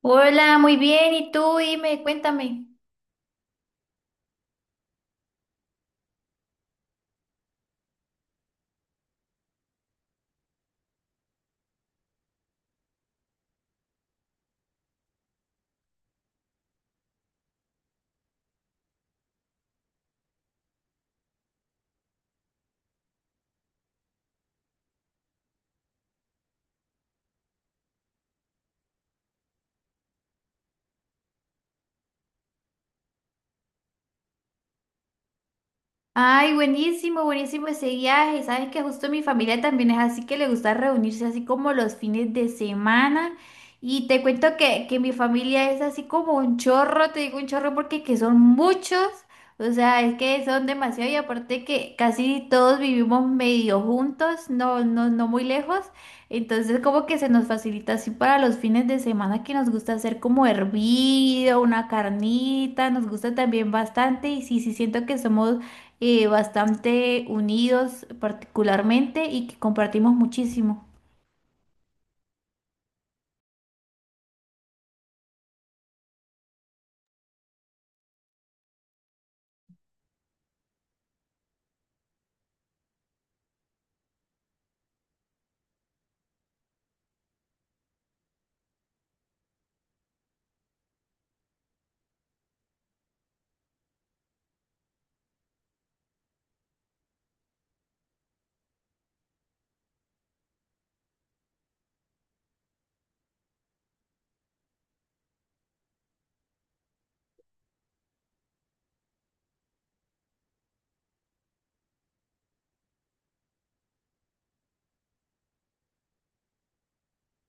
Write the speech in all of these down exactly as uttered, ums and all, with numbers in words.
Hola, muy bien. ¿Y tú? Dime, cuéntame. Ay, buenísimo, buenísimo ese viaje. Sabes que justo mi familia también es así que le gusta reunirse así como los fines de semana. Y te cuento que, que mi familia es así como un chorro, te digo un chorro porque que son muchos. O sea, es que son demasiado y aparte que casi todos vivimos medio juntos, no, no, no muy lejos. Entonces como que se nos facilita así para los fines de semana que nos gusta hacer como hervido, una carnita, nos gusta también bastante y sí, sí siento que somos eh, bastante unidos particularmente y que compartimos muchísimo.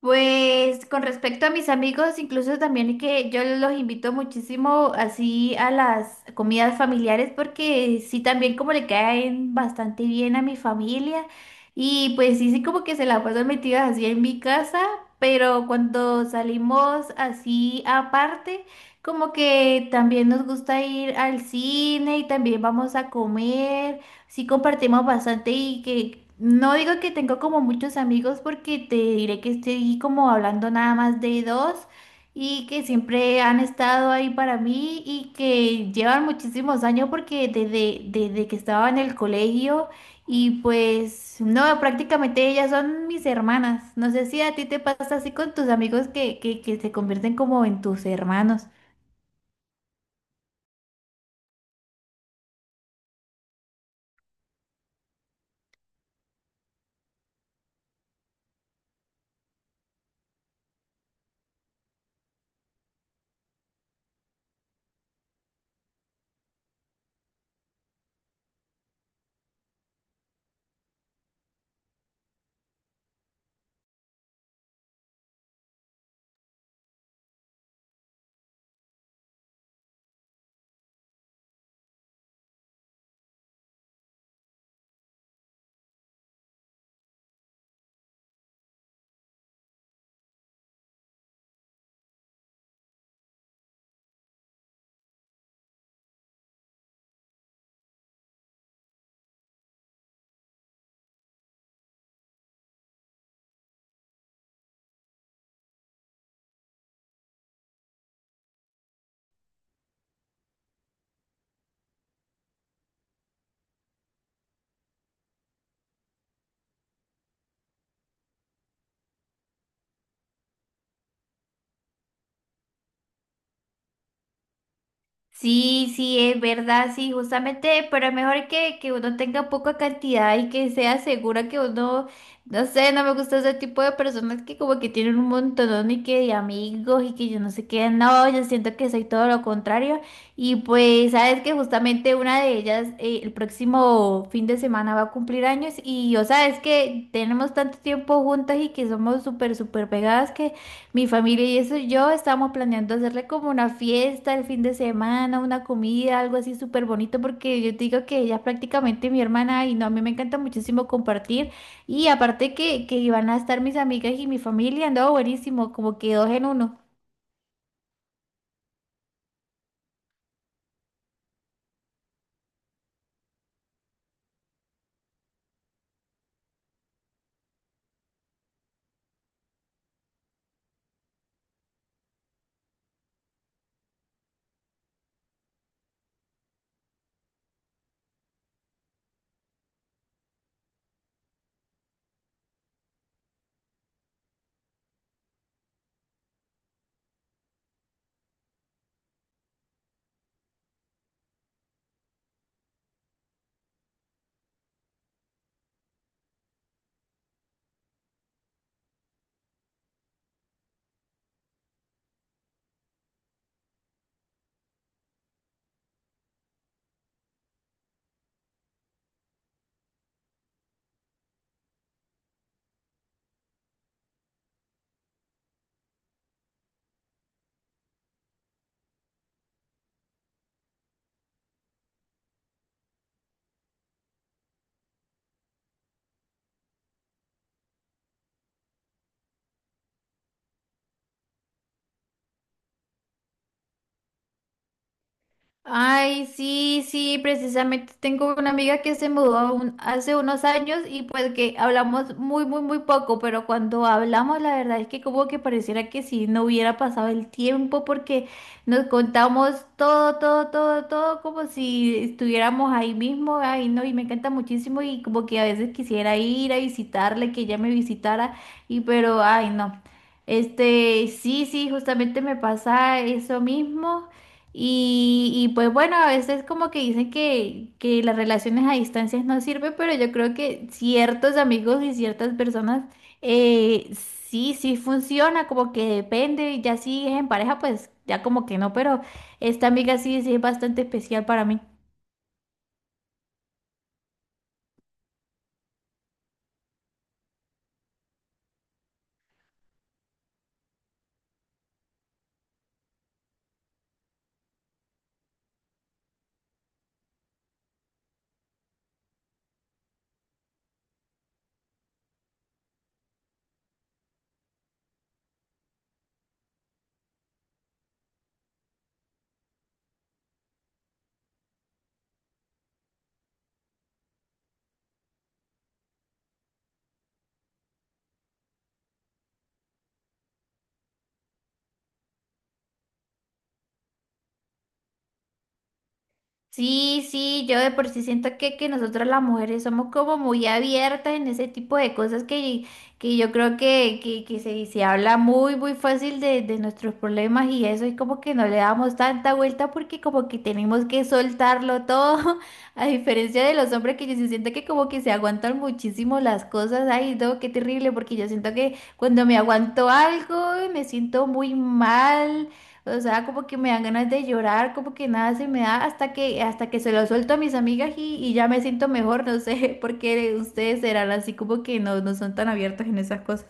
Pues con respecto a mis amigos, incluso también que yo los invito muchísimo así a las comidas familiares porque sí también como le caen bastante bien a mi familia y pues sí, sí como que se la pasan metidas así en mi casa, pero cuando salimos así aparte, como que también nos gusta ir al cine y también vamos a comer. Sí compartimos bastante y que no digo que tengo como muchos amigos porque te diré que estoy como hablando nada más de dos y que siempre han estado ahí para mí y que llevan muchísimos años porque desde, desde que estaba en el colegio y pues no, prácticamente ellas son mis hermanas. No sé si a ti te pasa así con tus amigos que, que, que se convierten como en tus hermanos. Sí, sí, es verdad, sí, justamente, pero es mejor que, que uno tenga poca cantidad y que sea segura que uno, no sé, no me gusta ese tipo de personas que como que tienen un montón y que de amigos y que yo no sé qué, no, yo siento que soy todo lo contrario y pues sabes que justamente una de ellas eh, el próximo fin de semana va a cumplir años y yo sabes que tenemos tanto tiempo juntas y que somos súper, súper pegadas mi familia y eso, yo estábamos planeando hacerle como una fiesta el fin de semana, una comida, algo así súper bonito, porque yo te digo que ella es prácticamente mi hermana y no, a mí me encanta muchísimo compartir. Y aparte que, que iban a estar mis amigas y mi familia, andaba buenísimo, como que dos en uno. Ay, sí, sí, precisamente tengo una amiga que se mudó un- hace unos años y pues que hablamos muy, muy, muy poco, pero cuando hablamos la verdad es que como que pareciera que si no hubiera pasado el tiempo porque nos contamos todo, todo, todo, todo como si estuviéramos ahí mismo, ay, no, y me encanta muchísimo y como que a veces quisiera ir a visitarle, que ella me visitara y pero, ay, no. Este, sí, sí, justamente me pasa eso mismo. Y, y, pues bueno, a veces como que dicen que, que las relaciones a distancias no sirven, pero yo creo que ciertos amigos y ciertas personas eh, sí, sí funciona, como que depende, y ya si es en pareja, pues ya como que no, pero esta amiga sí, sí es bastante especial para mí. Sí, sí, yo de por sí siento que, que nosotras las mujeres somos como muy abiertas en ese tipo de cosas que, que yo creo que, que, que se, se habla muy, muy fácil de, de nuestros problemas y eso es como que no le damos tanta vuelta porque como que tenemos que soltarlo todo, a diferencia de los hombres que yo sí siento que como que se aguantan muchísimo las cosas, ay, no, qué terrible, porque yo siento que cuando me aguanto algo me siento muy mal o sea, como que me dan ganas de llorar, como que nada se me da hasta que hasta que se lo suelto a mis amigas y, y ya me siento mejor, no sé, porque ustedes serán así como que no, no son tan abiertos en esas cosas.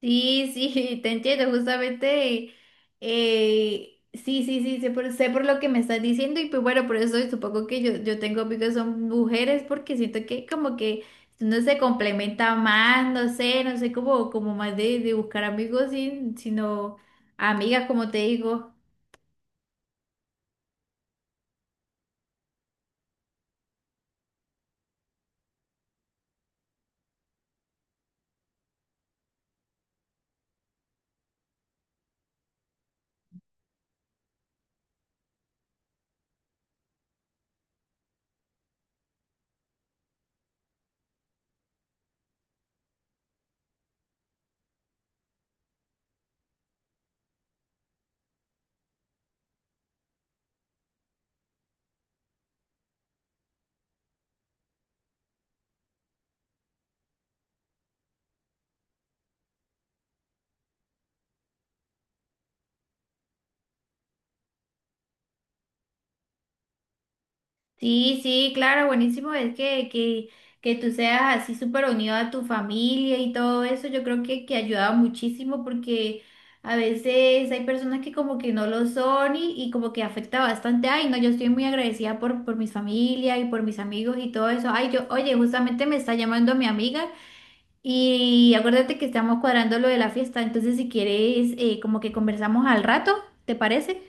Sí, sí, te entiendo, justamente, eh, sí, sí, sí, sé por, sé por lo que me estás diciendo y pues bueno, por eso supongo que yo, yo tengo amigos que son mujeres porque siento que como que uno se complementa más, no sé, no sé, como, como más de, de buscar amigos, sin- sino amigas, como te digo. Sí, sí, claro, buenísimo es que, que, que tú seas así súper unido a tu familia y todo eso, yo creo que, que ayuda muchísimo porque a veces hay personas que como que no lo son y, y como que afecta bastante. Ay, no, yo estoy muy agradecida por, por mi familia y por mis amigos y todo eso. Ay, yo, oye, justamente me está llamando mi amiga y acuérdate que estamos cuadrando lo de la fiesta, entonces si quieres eh, como que conversamos al rato, ¿te parece?